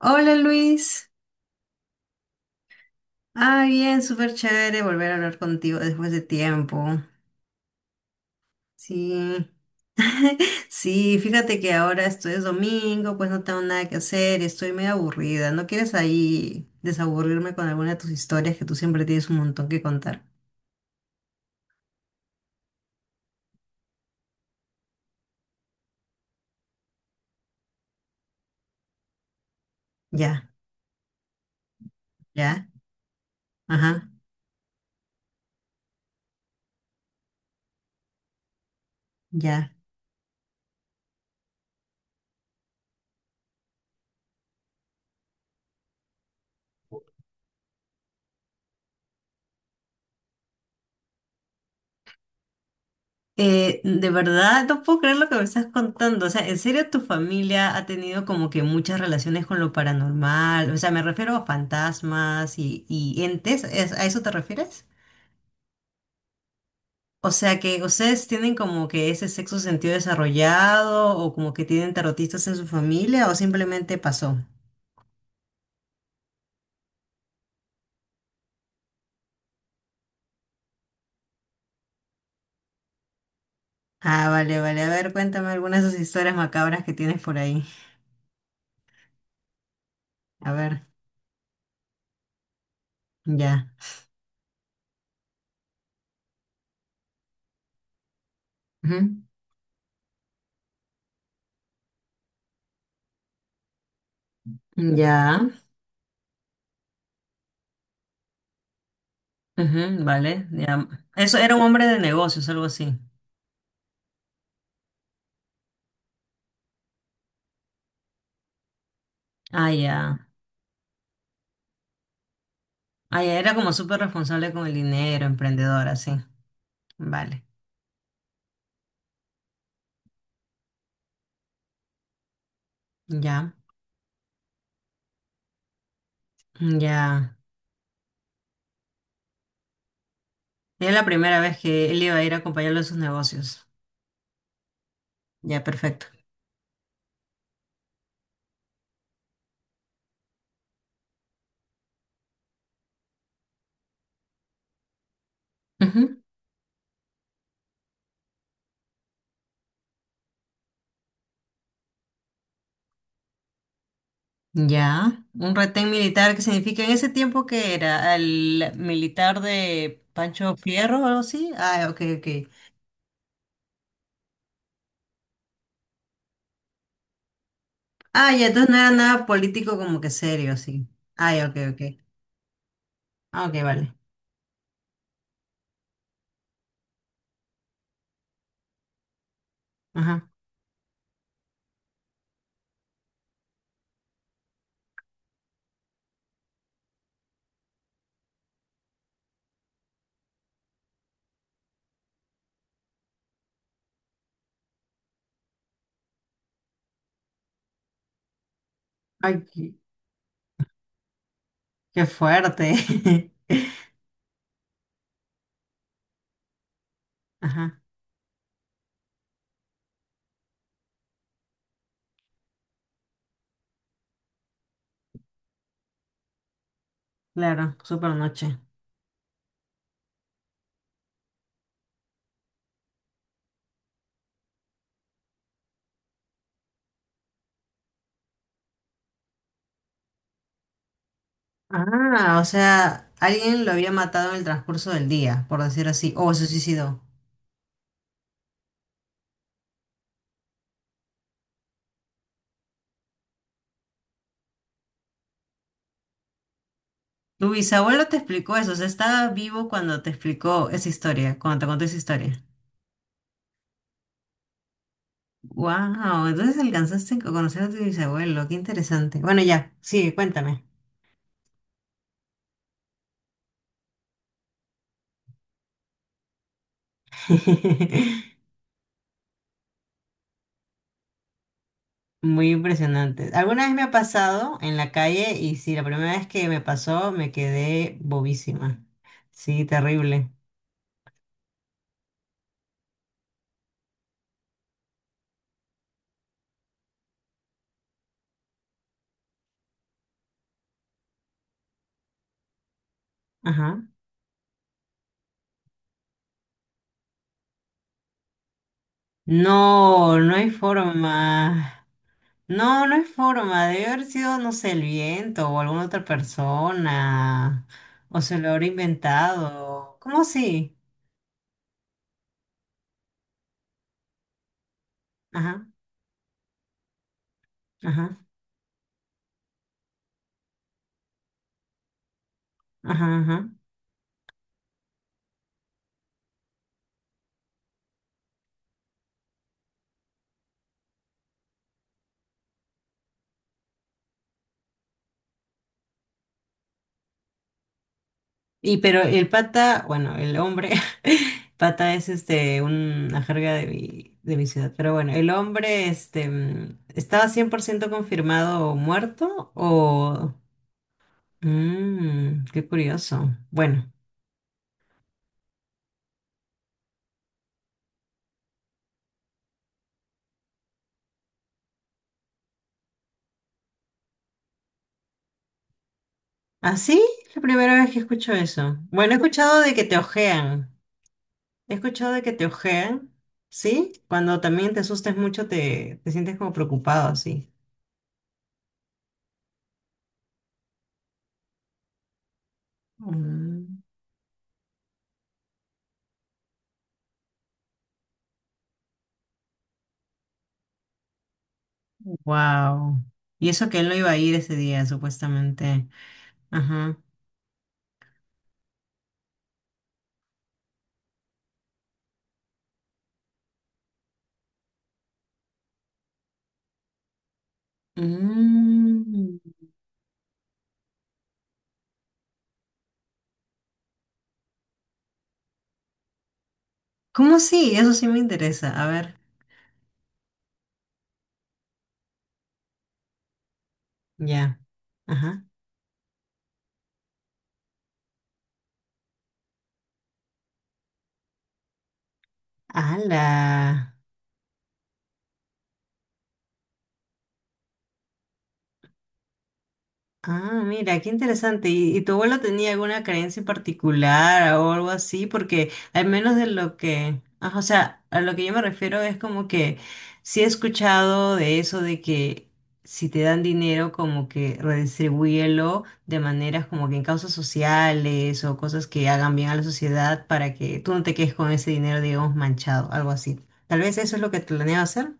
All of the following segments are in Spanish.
Hola Luis, ah bien, súper chévere volver a hablar contigo después de tiempo. Sí, sí, fíjate que ahora esto es domingo, pues no tengo nada que hacer, estoy medio aburrida. ¿No quieres ahí desaburrirme con alguna de tus historias que tú siempre tienes un montón que contar? Ya, ya, ajá, ya. De verdad, no puedo creer lo que me estás contando. O sea, ¿en serio tu familia ha tenido como que muchas relaciones con lo paranormal? O sea, me refiero a fantasmas y entes. ¿A eso te refieres? O sea, que ustedes tienen como que ese sexto sentido desarrollado o como que tienen tarotistas en su familia o simplemente pasó. Ah, vale, vale. A ver, cuéntame algunas de esas historias macabras que tienes por ahí. A ver, ya. Ujú, ya. Ujú, vale, ya. Eso era un hombre de negocios, algo así. Ah, ya. Ah, ya, era como súper responsable con el dinero, emprendedora, sí. Vale, ya, ya. Era la primera vez que él iba a ir a acompañarlo en sus negocios. Ya, perfecto. Ujú. Ya. Un retén militar, ¿que significa en ese tiempo? Que era el militar de Pancho Fierro o algo así. Ah, ok, ok. Ah, ya, entonces no era nada político como que serio, sí. Ah, ya, ok, ok. Ah, ok, vale. Ajá. Ay, qué fuerte. Ajá, claro, súper noche. Ah, o sea, alguien lo había matado en el transcurso del día, por decirlo así, o se suicidó. Tu bisabuelo te explicó eso, o sea, estaba vivo cuando te explicó esa historia, cuando te contó esa historia. Wow, entonces alcanzaste a conocer a tu bisabuelo, qué interesante. Bueno, ya, sí, cuéntame. Muy impresionante. Alguna vez me ha pasado en la calle y sí, la primera vez que me pasó me quedé bobísima. Sí, terrible. Ajá. No, no hay forma. No, no es forma. Debe haber sido, no sé, el viento o alguna otra persona. O se lo habrá inventado. ¿Cómo así? Ajá, ajá, ajá, ajá. Y pero el pata, bueno, el hombre, pata es este, una jerga de mi ciudad. Pero bueno, el hombre, este, mm, ¿estaba 100% confirmado muerto o...? Mmm, qué curioso. Bueno, ¿así? La primera vez que escucho eso. Bueno, he escuchado de que te ojean. He escuchado de que te ojean, ¿sí? Cuando también te asustes mucho te sientes como preocupado, así. Wow. Y eso que él no iba a ir ese día, supuestamente. Ajá. Mm. ¿Cómo sí? Eso sí me interesa. A ver. Ya. Ajá. ¡Hala! Ah, mira, qué interesante. Y tu abuelo tenía alguna creencia en particular o algo así? Porque al menos de lo que, ah, o sea, a lo que yo me refiero es como que sí he escuchado de eso de que si te dan dinero como que redistribúyelo de maneras como que en causas sociales o cosas que hagan bien a la sociedad para que tú no te quedes con ese dinero, digamos, manchado, algo así. Tal vez eso es lo que planeaba hacer.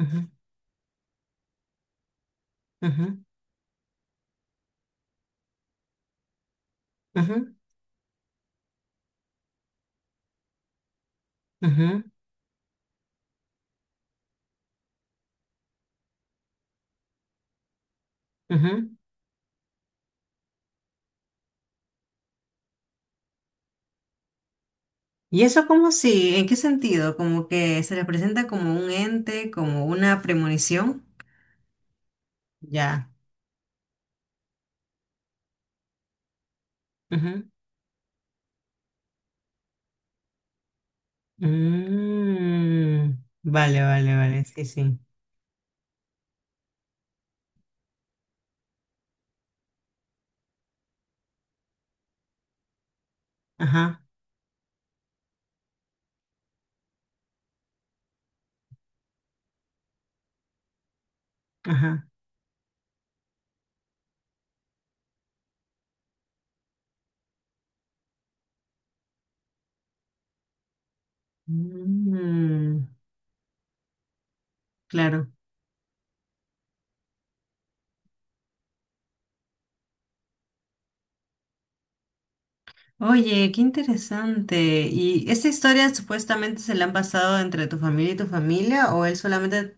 Ujú, ujú, ujú, ujú, ujú. Y eso como si, ¿en qué sentido? Como que se les presenta como un ente, como una premonición. Ya. Ujú. Mm, vale, vale, vale, sí, sí. Ajá, ajá. Mm, claro. Oye, qué interesante. ¿Y esa historia supuestamente se la han pasado entre tu familia y tu familia o él solamente...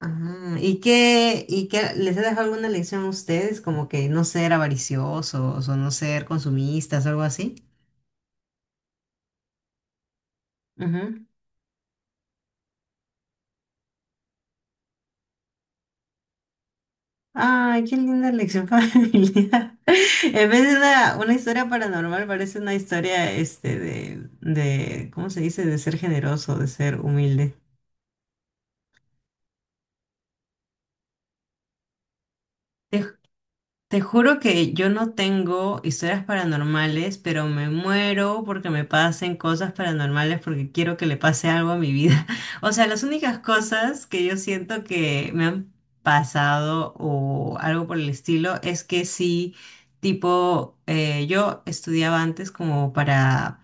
Ajá. ¿Y y qué les ha dejado alguna lección a ustedes? Como que no ser avariciosos o no ser consumistas, algo así. Ujú. Ay, qué linda lección familiar. En vez de una historia paranormal, parece una historia este de, ¿cómo se dice? De ser generoso, de ser humilde. Te juro que yo no tengo historias paranormales, pero me muero porque me pasen cosas paranormales porque quiero que le pase algo a mi vida. O sea, las únicas cosas que yo siento que me han pasado o algo por el estilo es que sí, tipo, yo estudiaba antes como para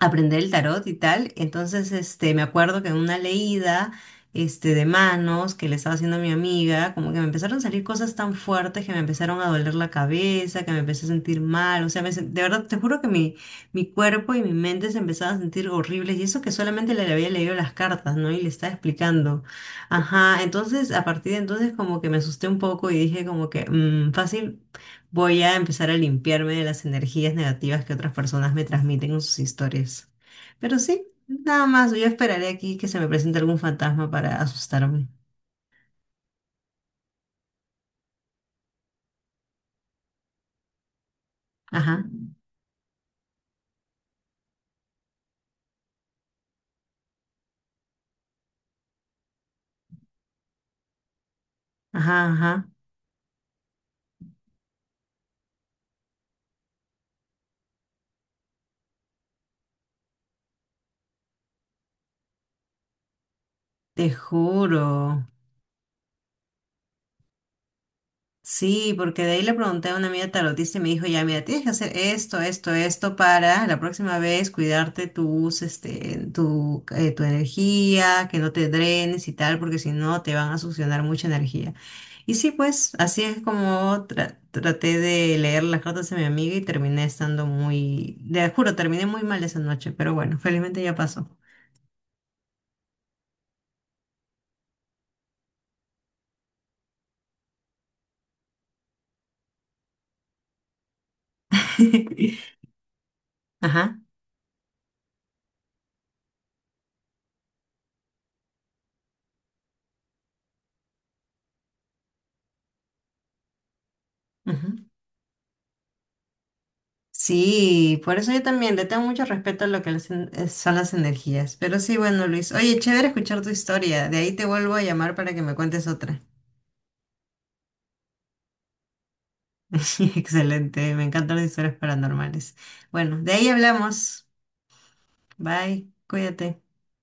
aprender el tarot y tal. Entonces, este, me acuerdo que en una leída, este, de manos que le estaba haciendo a mi amiga, como que me empezaron a salir cosas tan fuertes que me empezaron a doler la cabeza, que me empecé a sentir mal. O sea, de verdad, te juro que mi cuerpo y mi mente se empezaban a sentir horribles. Y eso que solamente le había leído las cartas, ¿no? Y le estaba explicando. Ajá, entonces, a partir de entonces, como que me asusté un poco y dije como que, mm, fácil. Voy a empezar a limpiarme de las energías negativas que otras personas me transmiten en sus historias. Pero sí, nada más, yo esperaré aquí que se me presente algún fantasma para asustarme. Ajá, ajá, ajá, te juro. Sí, porque de ahí le pregunté a una amiga tarotista y me dijo, ya, mira, tienes que hacer esto, esto, esto para la próxima vez cuidarte tus, este, tu, tu energía, que no te drenes y tal, porque si no te van a succionar mucha energía. Y sí, pues así es como traté de leer las cartas de mi amiga y terminé estando muy, te juro, terminé muy mal esa noche, pero bueno, felizmente ya pasó. Ajá. Sí, por eso yo también le tengo mucho respeto a lo que son las energías. Pero sí, bueno, Luis. Oye, chévere escuchar tu historia. De ahí te vuelvo a llamar para que me cuentes otra. Excelente, me encantan las historias paranormales. Bueno, de ahí hablamos. Bye, cuídate.